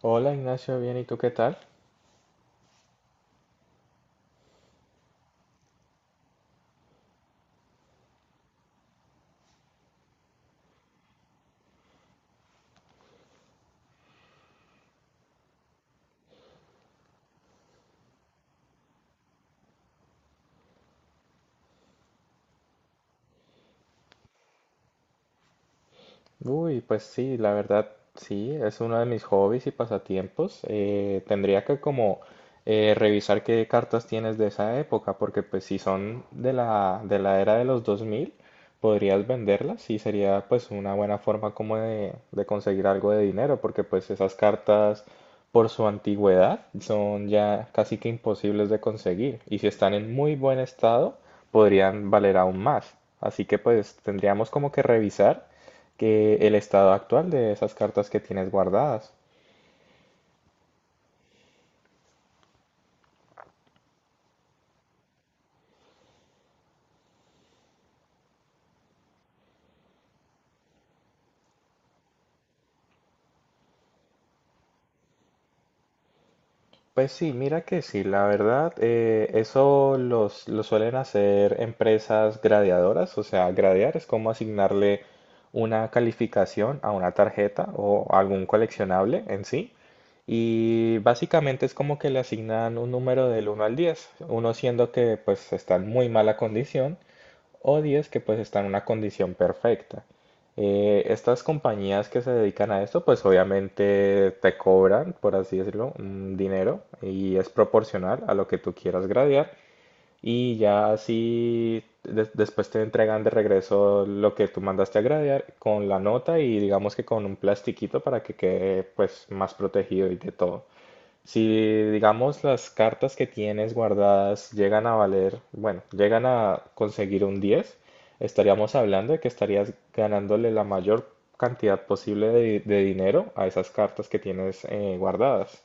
Hola Ignacio, bien, ¿y tú qué tal? Uy, pues sí, la verdad, sí, es uno de mis hobbies y pasatiempos. Tendría que como revisar qué cartas tienes de esa época, porque pues si son de la era de los 2000, podrías venderlas y sería pues una buena forma como de conseguir algo de dinero, porque pues esas cartas por su antigüedad son ya casi que imposibles de conseguir y si están en muy buen estado, podrían valer aún más. Así que pues tendríamos como que revisar que el estado actual de esas cartas que tienes guardadas. Pues sí, mira que sí, la verdad, eso lo suelen hacer empresas gradeadoras, o sea, gradear es como asignarle una calificación a una tarjeta o algún coleccionable en sí, y básicamente es como que le asignan un número del 1 al 10, uno siendo que pues está en muy mala condición o 10 que pues están en una condición perfecta. Estas compañías que se dedican a esto, pues obviamente te cobran, por así decirlo, un dinero y es proporcional a lo que tú quieras gradear, y ya así después te entregan de regreso lo que tú mandaste a gradear con la nota y digamos que con un plastiquito para que quede pues más protegido y de todo. Si, digamos, las cartas que tienes guardadas llegan a valer, bueno, llegan a conseguir un 10, estaríamos hablando de que estarías ganándole la mayor cantidad posible de dinero a esas cartas que tienes, guardadas.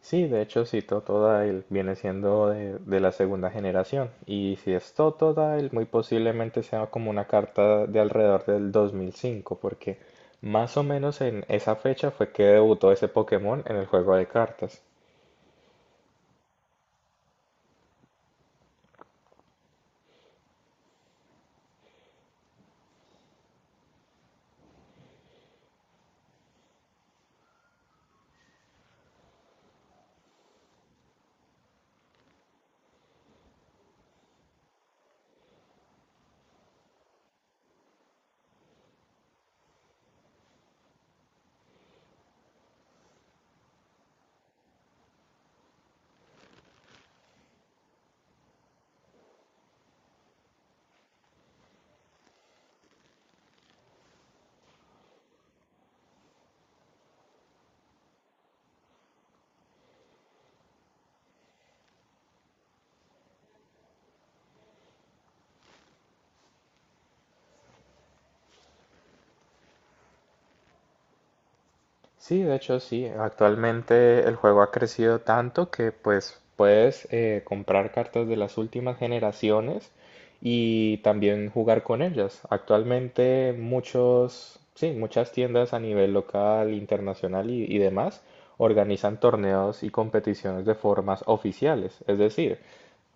Sí, de hecho, si Totodile viene siendo de la segunda generación. Y si es Totodile, muy posiblemente sea como una carta de alrededor del 2005, porque más o menos en esa fecha fue que debutó ese Pokémon en el juego de cartas. Sí, de hecho sí. Actualmente el juego ha crecido tanto que pues puedes comprar cartas de las últimas generaciones y también jugar con ellas. Actualmente muchos, sí, muchas tiendas a nivel local, internacional y demás organizan torneos y competiciones de formas oficiales. Es decir,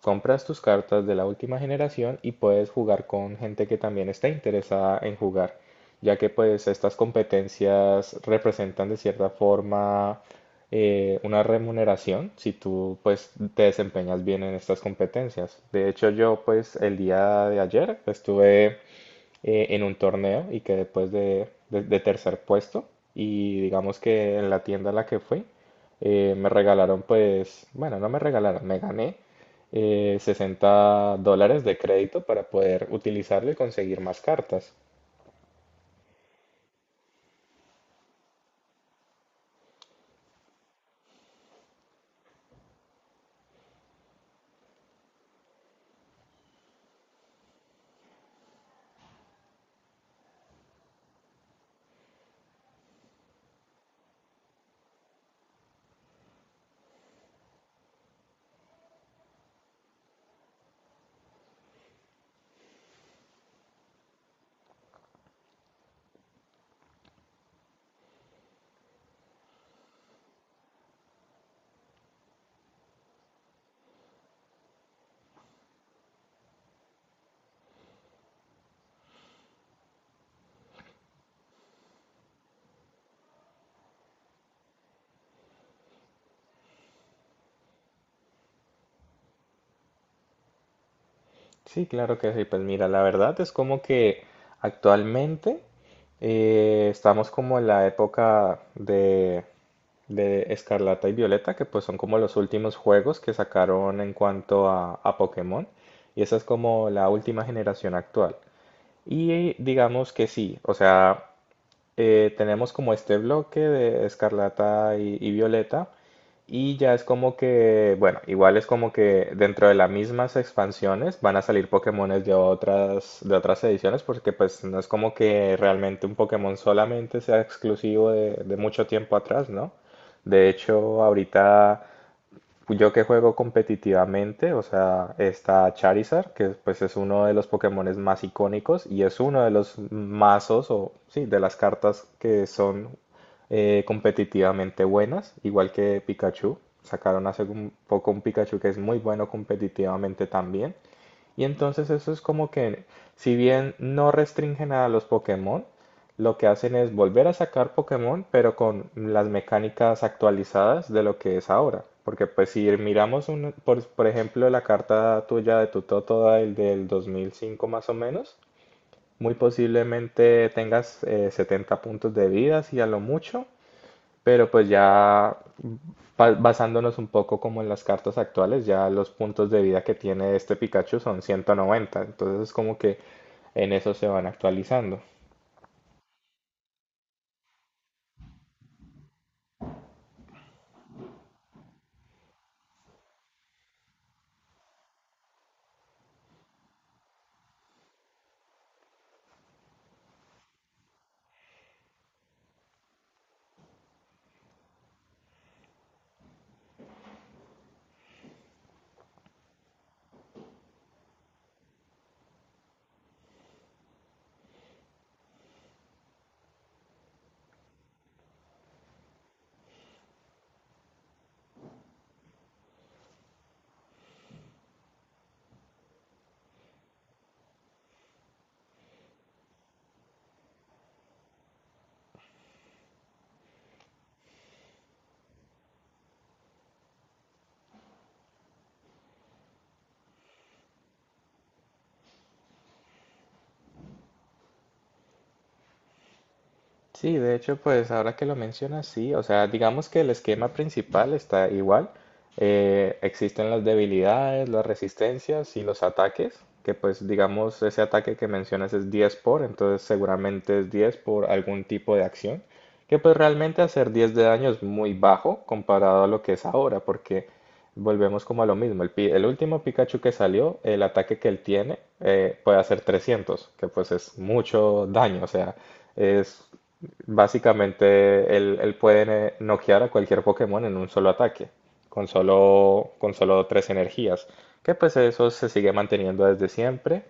compras tus cartas de la última generación y puedes jugar con gente que también está interesada en jugar ya que pues estas competencias representan de cierta forma una remuneración si tú pues te desempeñas bien en estas competencias. De hecho yo pues el día de ayer estuve en un torneo y quedé pues de tercer puesto y digamos que en la tienda a la que fui me regalaron pues, bueno, no me regalaron, me gané $60 de crédito para poder utilizarlo y conseguir más cartas. Sí, claro que sí. Pues mira, la verdad es como que actualmente estamos como en la época de Escarlata y Violeta, que pues son como los últimos juegos que sacaron en cuanto a Pokémon. Y esa es como la última generación actual. Y digamos que sí, o sea, tenemos como este bloque de Escarlata y Violeta y ya es como que, bueno, igual es como que dentro de las mismas expansiones van a salir Pokémones de otras ediciones porque pues no es como que realmente un Pokémon solamente sea exclusivo de mucho tiempo atrás, ¿no? De hecho, ahorita yo que juego competitivamente, o sea, está Charizard, que pues es uno de los Pokémones más icónicos y es uno de los mazos o sí, de las cartas que son competitivamente buenas, igual que Pikachu. Sacaron hace un poco un Pikachu que es muy bueno competitivamente también. Y entonces eso es como que, si bien no restringen a los Pokémon, lo que hacen es volver a sacar Pokémon, pero con las mecánicas actualizadas de lo que es ahora. Porque pues si miramos, por ejemplo, la carta tuya de tu Totodile el del 2005 más o menos, muy posiblemente tengas 70 puntos de vida, si a lo mucho, pero pues ya basándonos un poco como en las cartas actuales, ya los puntos de vida que tiene este Pikachu son 190. Entonces como que en eso se van actualizando. Sí, de hecho, pues ahora que lo mencionas, sí, o sea, digamos que el esquema principal está igual. Existen las debilidades, las resistencias y los ataques, que pues digamos ese ataque que mencionas es 10 por, entonces seguramente es 10 por algún tipo de acción, que pues realmente hacer 10 de daño es muy bajo comparado a lo que es ahora, porque volvemos como a lo mismo, el último Pikachu que salió, el ataque que él tiene puede hacer 300, que pues es mucho daño, o sea... Es básicamente, él puede noquear a cualquier Pokémon en un solo ataque, con solo tres energías, que pues eso se sigue manteniendo desde siempre.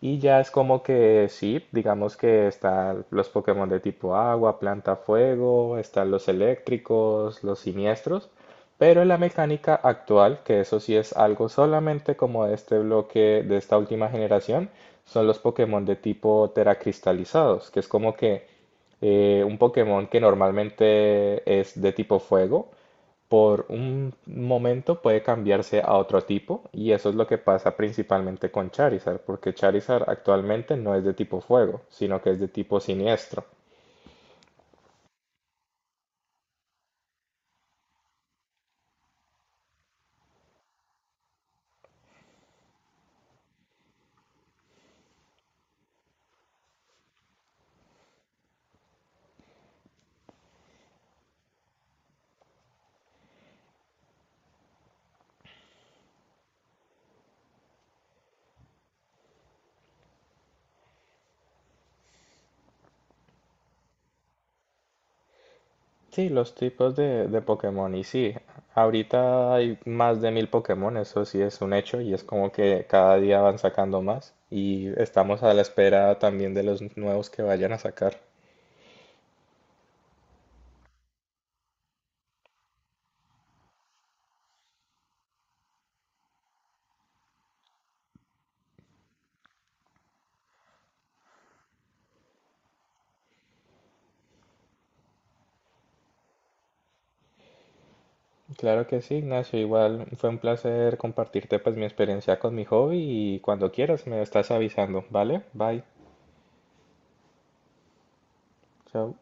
Y ya es como que sí, digamos que están los Pokémon de tipo agua, planta, fuego, están los eléctricos, los siniestros, pero en la mecánica actual, que eso sí es algo solamente como de este bloque, de esta última generación, son los Pokémon de tipo teracristalizados, que es como que un Pokémon que normalmente es de tipo fuego, por un momento puede cambiarse a otro tipo y eso es lo que pasa principalmente con Charizard, porque Charizard actualmente no es de tipo fuego, sino que es de tipo siniestro. Sí, los tipos de Pokémon y sí, ahorita hay más de mil Pokémon, eso sí es un hecho y es como que cada día van sacando más y estamos a la espera también de los nuevos que vayan a sacar. Claro que sí, Ignacio. Igual fue un placer compartirte pues mi experiencia con mi hobby y cuando quieras me estás avisando, ¿vale? Bye. Chao.